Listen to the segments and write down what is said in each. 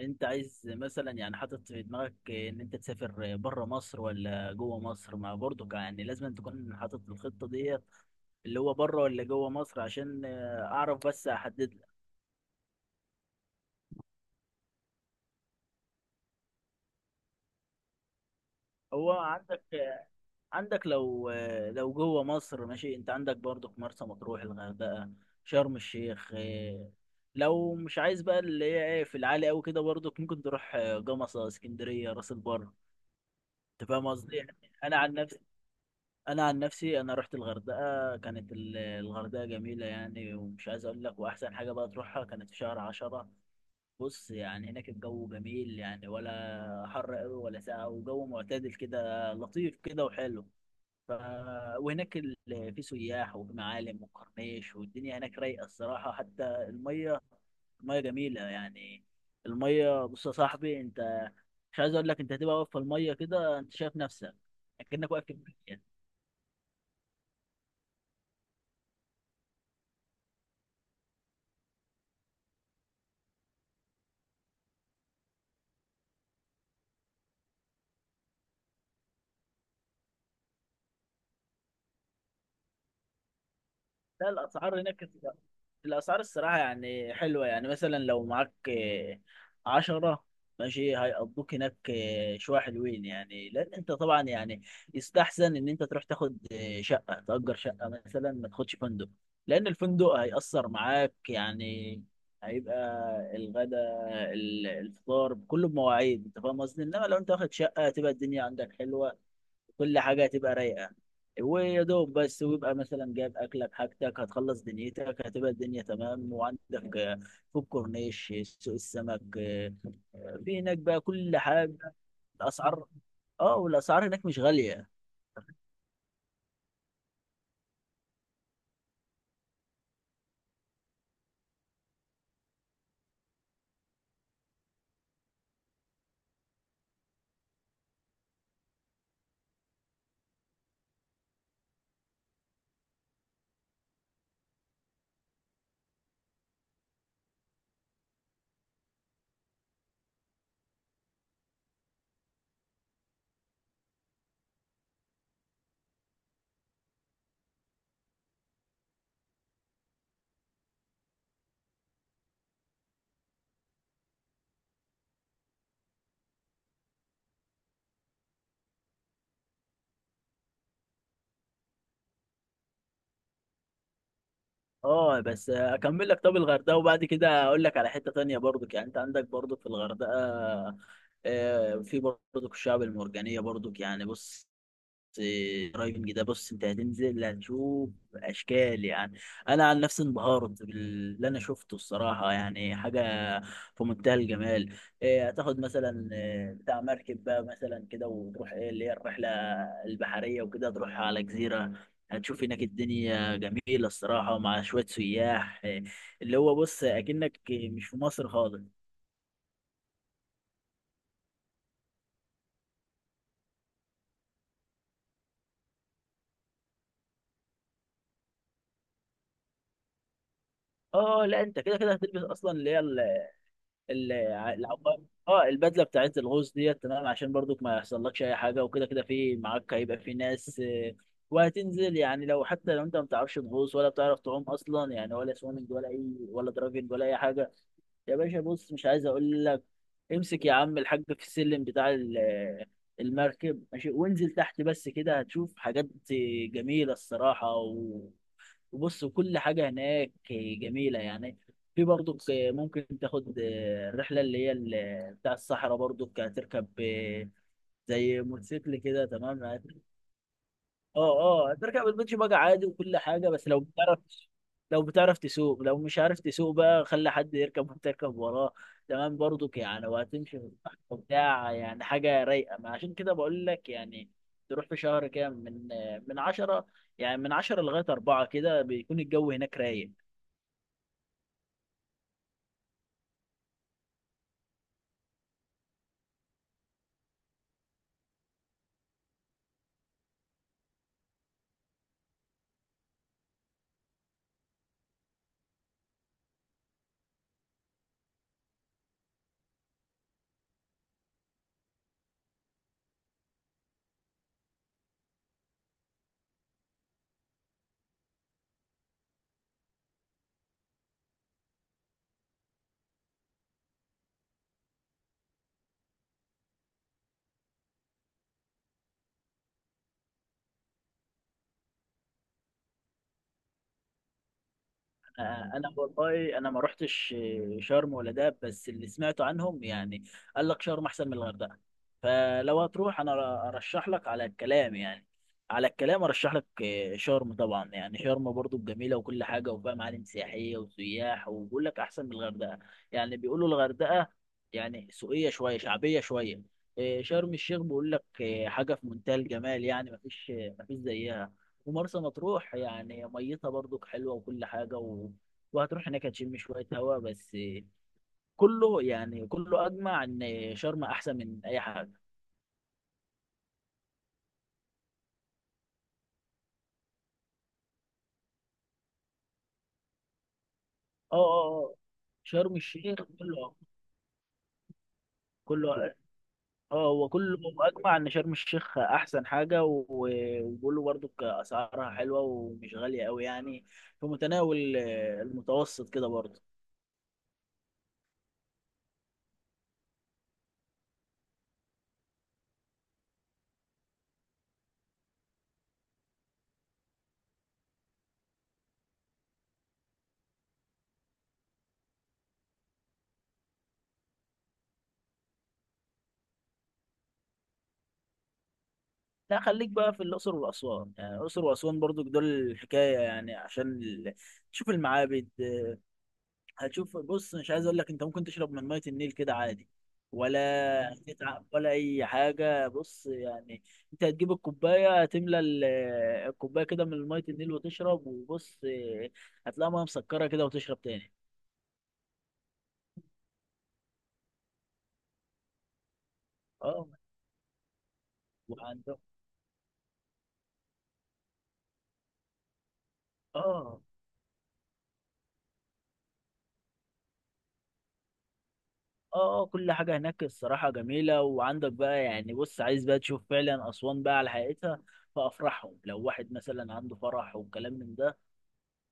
انت عايز مثلا، يعني حاطط في دماغك ان انت تسافر بره مصر ولا جوه مصر، ما برضو يعني لازم تكون حاطط الخطة ديت اللي هو بره ولا جوه مصر عشان اعرف، بس احدد لك. هو عندك لو لو جوه مصر، ماشي، انت عندك برضو في مرسى مطروح، الغردقة، شرم الشيخ. لو مش عايز بقى اللي هي ايه في العالي قوي كده، برضو ممكن تروح جمصة، اسكندرية، راس البر. انت فاهم قصدي يعني. انا عن نفسي انا عن نفسي انا رحت الغردقه، كانت الغردقه جميله يعني، ومش عايز اقول لك، واحسن حاجه بقى تروحها كانت في شهر 10. بص يعني هناك الجو جميل يعني، ولا حر قوي ولا ساقع، وجو معتدل كده، لطيف كده وحلو. ف... وهناك ال... في سياح وفي معالم وكورنيش، والدنيا هناك رايقه الصراحه، حتى الميه. الميه جميله يعني. الميه، بص يا صاحبي انت، مش عايز اقول لك، انت هتبقى واقف في الميه كده، انت شايف نفسك اكنك واقف في الميه. لا، الاسعار هناك، الاسعار الصراحه يعني حلوه، يعني مثلا لو معاك 10، ماشي هيقضوك هناك شويه حلوين، يعني لان انت طبعا يعني يستحسن ان انت تروح تاخد شقه، تأجر شقه مثلا، ما تاخدش فندق. لان الفندق هيأثر معاك، يعني هيبقى الغداء، الفطار كله بمواعيد، انت فاهم قصدي، انما لو انت واخد شقه هتبقى الدنيا عندك حلوه، كل حاجة هتبقى رايقة. ويا دوب بس، ويبقى مثلا جايب أكلك حاجتك، هتخلص دنيتك هتبقى الدنيا تمام، وعندك في الكورنيش سوق السمك، في هناك بقى كل حاجة. الأسعار، اه، والأسعار هناك مش غالية. اه بس، أكمل لك. طب الغردقة وبعد كده أقول لك على حتة تانية، برضك يعني أنت عندك برضك في الغردقة، في برضك الشعب المرجانية برضك، يعني بص، درايفنج ده، بص انت هتنزل هتشوف اشكال يعني. انا عن نفسي انبهرت باللي انا شفته الصراحه، يعني حاجه في منتهى الجمال. إيه، هتاخد مثلا بتاع مركب بقى مثلا كده، وتروح ايه اللي هي الرحله البحريه وكده، تروح على جزيره. هتشوف هناك الدنيا جميله الصراحه، مع شويه سياح اللي هو بص اكنك مش في مصر خالص. اه لا، انت كده كده هتلبس اصلا اللي هي العقار. اه، البدله بتاعت الغوص ديت، تمام عشان برضك ما يحصلكش اي حاجه، وكده كده في معاك هيبقى في ناس، وهتنزل يعني، لو حتى لو انت ما بتعرفش تغوص ولا بتعرف تعوم اصلا يعني، ولا سويمنج ولا اي، ولا دراجنج ولا اي حاجه. يا باشا، بص مش عايز اقول لك، امسك يا عم الحاج في السلم بتاع المركب ماشي، وانزل تحت، بس كده هتشوف حاجات جميله الصراحه. بص كل حاجة هناك جميلة يعني. في برضك ممكن تاخد الرحلة اللي هي بتاع الصحراء، برضك هتركب زي موتوسيكل كده، تمام اه. اه هتركب البيتش باجي عادي وكل حاجة، بس لو بتعرف، لو بتعرف تسوق. لو مش عارف تسوق بقى، خلي حد يركب وانت تركب وراه، تمام برضك يعني، وهتمشي في الصحراء وبتاع، يعني حاجة رايقة، ما عشان كده بقول لك يعني. تروح في شهر كده من 10، يعني من 10 لغاية 4 كده بيكون الجو هناك رايق. انا والله انا ما رحتش شرم ولا دهب، بس اللي سمعته عنهم يعني قال لك شرم احسن من الغردقه. فلو هتروح، انا ارشح لك على الكلام، يعني على الكلام ارشح لك شرم طبعا، يعني شرم برضو جميله وكل حاجه، وفيها معالم سياحيه وسياح، وبيقول لك احسن من الغردقه. يعني بيقولوا الغردقه يعني سوقيه شويه، شعبيه شويه. شرم الشيخ بيقول لك حاجه في منتهى الجمال يعني، ما فيش زيها. ومرسى مطروح يعني ميتها برضك حلوة وكل حاجة، وهتروح هناك هتشم شوية هوا بس. كله يعني، كله أجمع إن شرم أحسن من أي حاجة. اه، اه، اه، شرم الشيخ كله، كله، اه هو كله. أجمع إن شرم الشيخ أحسن حاجة، وبيقولوا برضك أسعارها حلوة ومش غالية أوي، يعني في متناول المتوسط كده برضه. لا، خليك بقى في الأقصر وأسوان، يعني الأقصر وأسوان برضك دول الحكاية، يعني عشان تشوف المعابد. هتشوف، بص مش عايز اقول لك، انت ممكن تشرب من ميه النيل كده عادي، ولا هتتعب ولا اي حاجه، بص يعني انت هتجيب الكوبايه، هتملى الكوبايه كده من ميه النيل وتشرب، وبص هتلاقي ميه مسكره كده وتشرب تاني. اه وعندهم. اه، اه، كل حاجه هناك الصراحه جميله، وعندك بقى يعني، بص عايز بقى تشوف فعلا اسوان بقى على حقيقتها، فافرحهم. لو واحد مثلا عنده فرح وكلام من ده،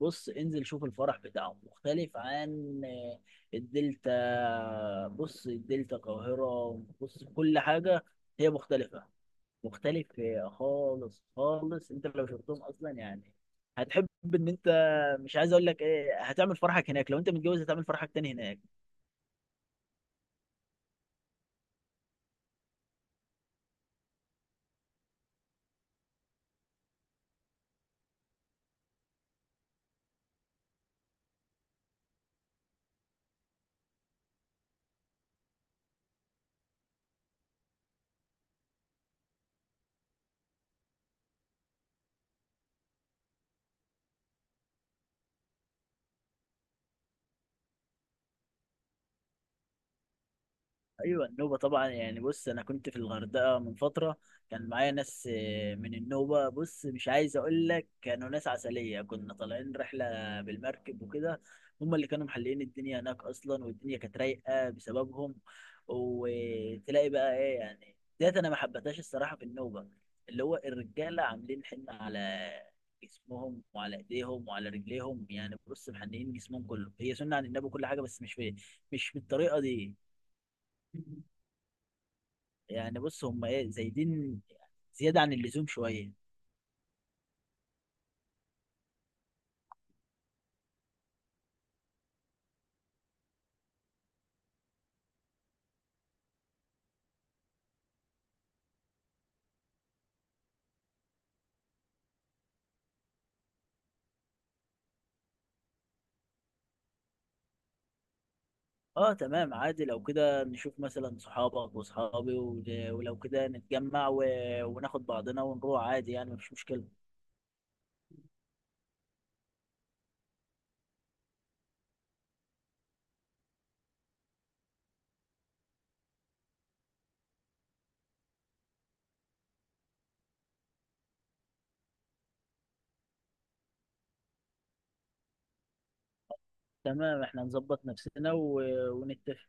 بص انزل شوف الفرح بتاعهم مختلف عن الدلتا. بص الدلتا، القاهرة، بص كل حاجة هي مختلف خالص خالص. انت لو شفتهم اصلا يعني هتحب ان انت، مش عايز اقول لك ايه، هتعمل فرحك هناك. لو انت متجوز هتعمل فرحك تاني هناك. ايوه، النوبه طبعا، يعني بص انا كنت في الغردقه من فتره، كان معايا ناس من النوبه، بص مش عايز اقول لك، كانوا ناس عسليه، كنا طالعين رحله بالمركب وكده. هم اللي كانوا محللين الدنيا هناك اصلا، والدنيا كانت رايقه بسببهم. وتلاقي بقى ايه يعني، ديت انا ما حبيتهاش الصراحه في النوبه، اللي هو الرجاله عاملين حنه على جسمهم وعلى ايديهم وعلى رجليهم، يعني بص محنيين جسمهم كله. هي سنه عن النبي كل حاجه، بس مش بالطريقه دي. يعني بص هم ايه، زايدين زيادة عن اللزوم شوية. اه تمام عادي، لو كده نشوف مثلا صحابك وصحابي، ولو كده نتجمع وناخد بعضنا ونروح عادي، يعني مفيش مشكلة. تمام احنا نظبط نفسنا ونتفق